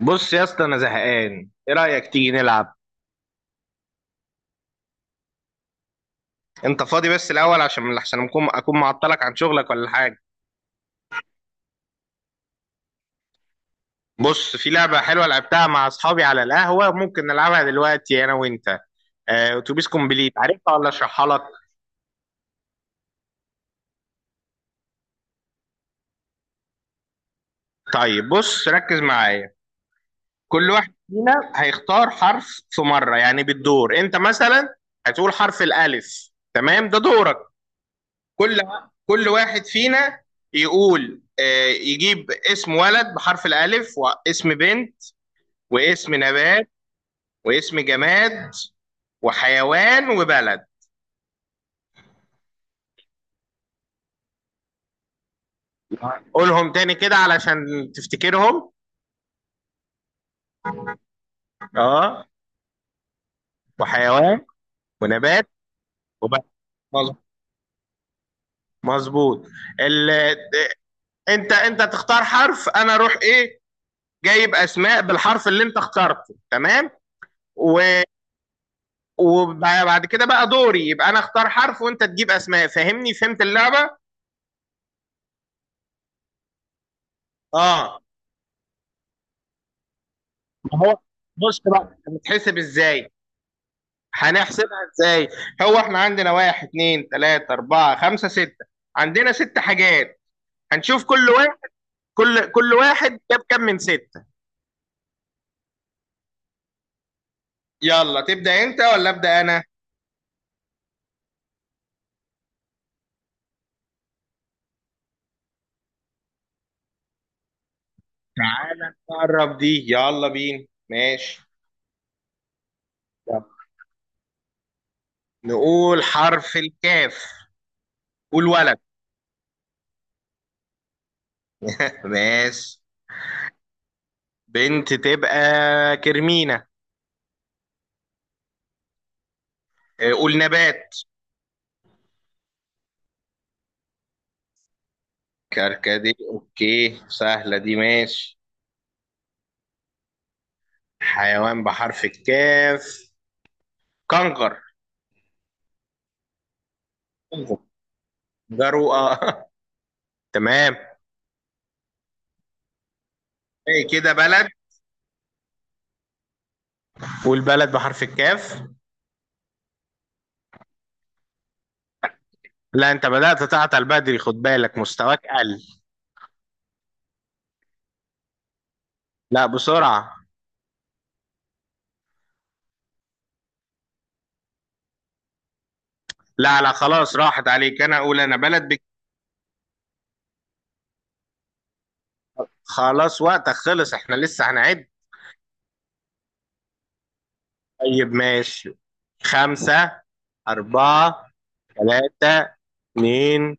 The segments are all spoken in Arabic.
بص يا اسطى، انا زهقان. ايه رايك تيجي نلعب؟ انت فاضي بس الاول، عشان اكون معطلك عن شغلك ولا حاجه؟ بص، في لعبه حلوه لعبتها مع اصحابي على القهوه. ممكن نلعبها دلوقتي انا وانت؟ اتوبيس كومبليت، عارفها ولا اشرحها لك؟ طيب بص، ركز معايا. كل واحد فينا هيختار حرف في مره، يعني بالدور. انت مثلا هتقول حرف الالف، تمام؟ ده دورك. كل كل واحد فينا يقول، يجيب اسم ولد بحرف الألف، واسم بنت، واسم نبات، واسم جماد، وحيوان، وبلد. قولهم تاني كده علشان تفتكرهم. اه. وحيوان، ونبات، وبلد. مظ- مظبوط. ال... انت تختار حرف، انا اروح ايه؟ جايب اسماء بالحرف اللي انت اخترته، تمام؟ و... وبعد كده بقى دوري، يبقى انا اختار حرف وانت تجيب اسماء. فاهمني؟ فهمت اللعبة؟ اه، ما هو بص بقى، بتحسب ازاي؟ هنحسبها ازاي؟ هو احنا عندنا واحد، اتنين، تلاتة، اربعة، خمسة، ستة. عندنا ست حاجات. هنشوف كل واحد، كل واحد جاب كام من ستة. يلا، تبدأ انت ولا ابدأ انا؟ تعالى نقرب دي، يلا بينا ماشي. يلا. نقول حرف الكاف. قول ولد. ماشي. بنت تبقى كرمينة. اه، قول نبات. كركديه، اوكي، سهلة دي ماشي. حيوان بحرف الكاف، كنغر. جرو. تمام. ايه كده؟ بلد. والبلد بحرف الكاف. لا، انت بدأت تعطل بدري، خد بالك، مستواك قل. لا، بسرعة. لا لا، خلاص راحت عليك، انا اقول انا بلد بك. خلاص، وقتك خلص، احنا لسه هنعد. طيب ماشي. خمسة، أربعة، ثلاثة، اتنين.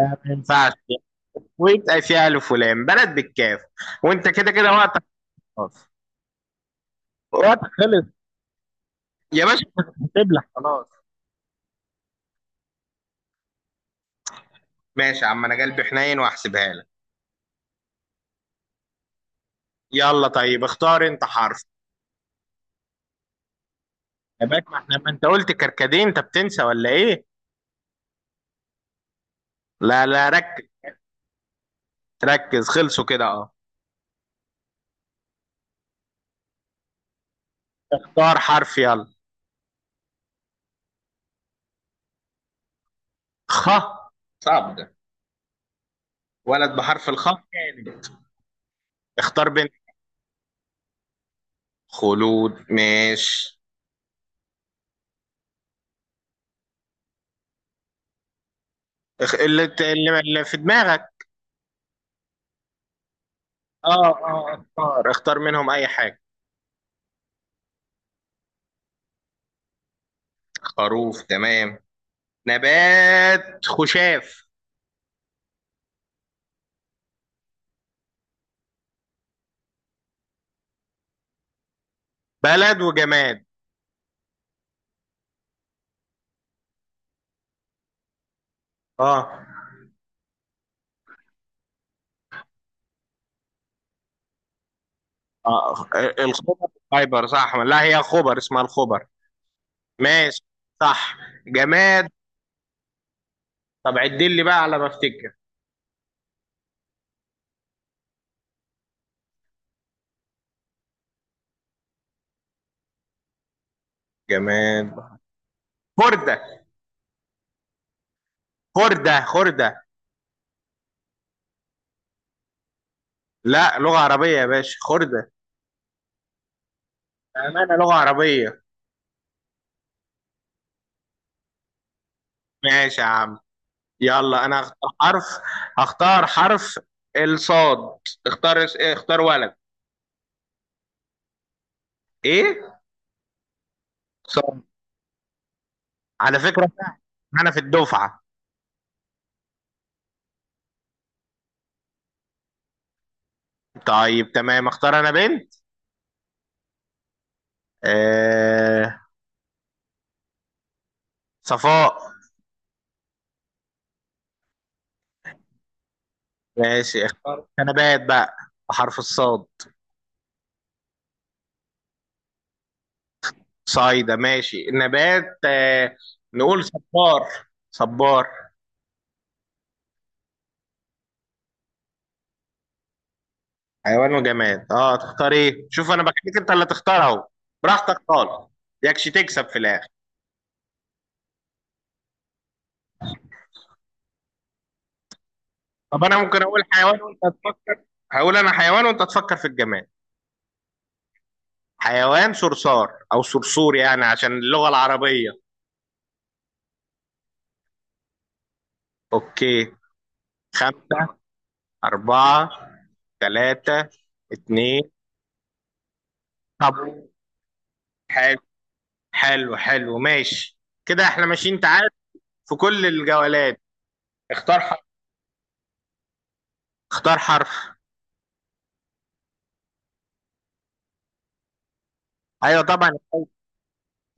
لا، ما ينفعش، ويبقى فيها ألف ولام، بلد بالكاف. وأنت كده كده وقتك. خلاص وقتك خلص. يا باشا كنت هتبلع، خلاص. ماشي يا عم، أنا قلبي حنين وهحسبها لك. يلا طيب، اختار انت حرف. يا باك، ما احنا، ما انت قلت كركديه؟ انت بتنسى ولا ايه؟ لا لا، ركز. ركز، خلصوا كده، اه. اختار حرف يلا. خ. صعب ده. ولد بحرف الخاء كانت. اختار بنت. خلود، ماشي. اخ... اللي... ت- اللي اللي في دماغك. اه اه، اختار منهم اي حاجة. خروف، تمام. نبات، خشاف. بلد وجماد. اه. اه، الخبر. خيبر؟ صح. لا، هي خبر، اسمها الخبر. ماشي. صح. جماد. طب عدل لي بقى على ما افتكر. جماد، خردة. خردة خردة. لا، لغة عربية يا باشا، خردة. أمانة لغة عربية. ماشي يا عم. يلا أنا هختار حرف. هختار حرف الصاد. اختار ولد. إيه؟ صاد. على فكرة، أنا في الدفعة. طيب تمام، اختار أنا بنت. آه... صفاء. ماشي، اختار أنا بقى بحرف الصاد. صايدة، ماشي. نبات، نقول صبار. صبار. حيوان وجماد، اه. تختار ايه؟ شوف انا بخليك انت اللي تختار اهو. براحتك خالص. يكش تكسب في الاخر. طب انا ممكن اقول حيوان وانت تفكر. هقول انا حيوان وانت تفكر في الجماد. حيوان، صرصار او صرصور، يعني عشان اللغة العربية. اوكي. خمسة، أربعة، ثلاثة، اتنين. طب. حلو. حلو حلو، ماشي. كده احنا ماشيين تعادل في كل الجولات. اختار اختار حرف. ايوه طبعا،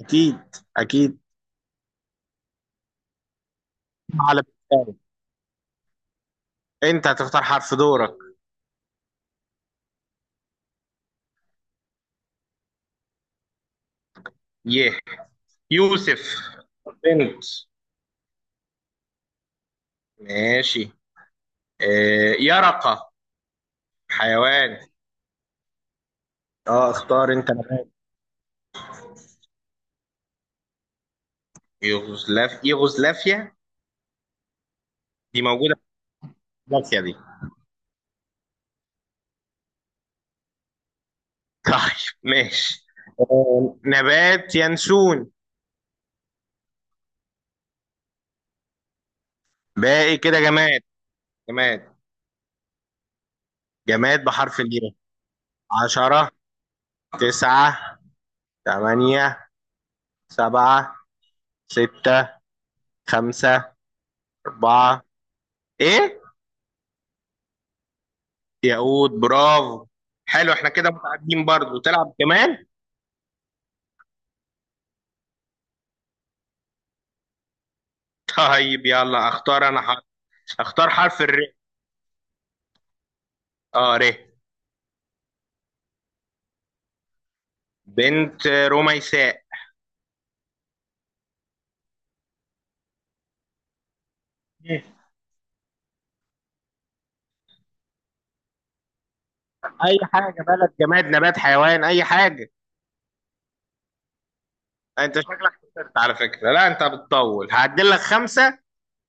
اكيد اكيد. على بالتالي. انت هتختار حرف، دورك. ي. يوسف. بنت. ماشي. يرقة. حيوان. اه، اختار انت نبات. يغزلافيا. دي موجودة في يغزلافيا دي. طيب ماشي. نبات، ينسون. باقي كده جماد. جماد. جماد بحرف الياء. عشرة، تسعة، تمانية، سبعة، ستة، خمسة، أربعة. إيه؟ ياقوت، برافو. حلو، إحنا كده متعادلين، برضه تلعب كمان؟ طيب يلا، أختار أنا حرف. أختار حرف الر. ر. بنت رميساء. أي حاجة، بلد، جماد، نبات، حيوان، أي حاجة. أنت شكلك خسرت على فكرة. لا، أنت بتطول، هعدل لك خمسة.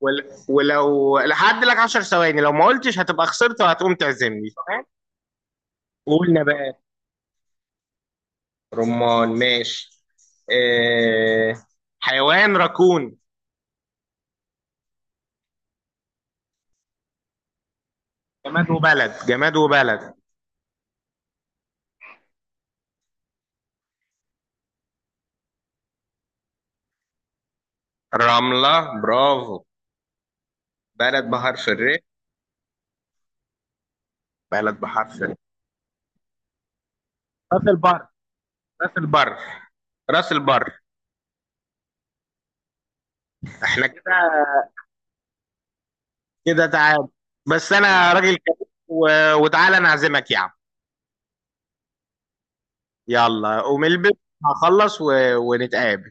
ولو هعدل لك 10 ثواني، لو ما قلتش هتبقى خسرت وهتقوم تعزمني، تمام؟ قول نبات. رمان، ماشي. آه... حيوان راكون. جماد وبلد. جماد وبلد. رملة، برافو. بلد بحرف الر. بلد بحرف ال- راس البر. راس البر. راس البر. احنا كده كده. كده تعادل. بس انا راجل كبير. و... وتعالى انا اعزمك يا عم. يلا قوم البس. هخلص ونتقابل.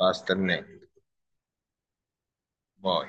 استناك. باي.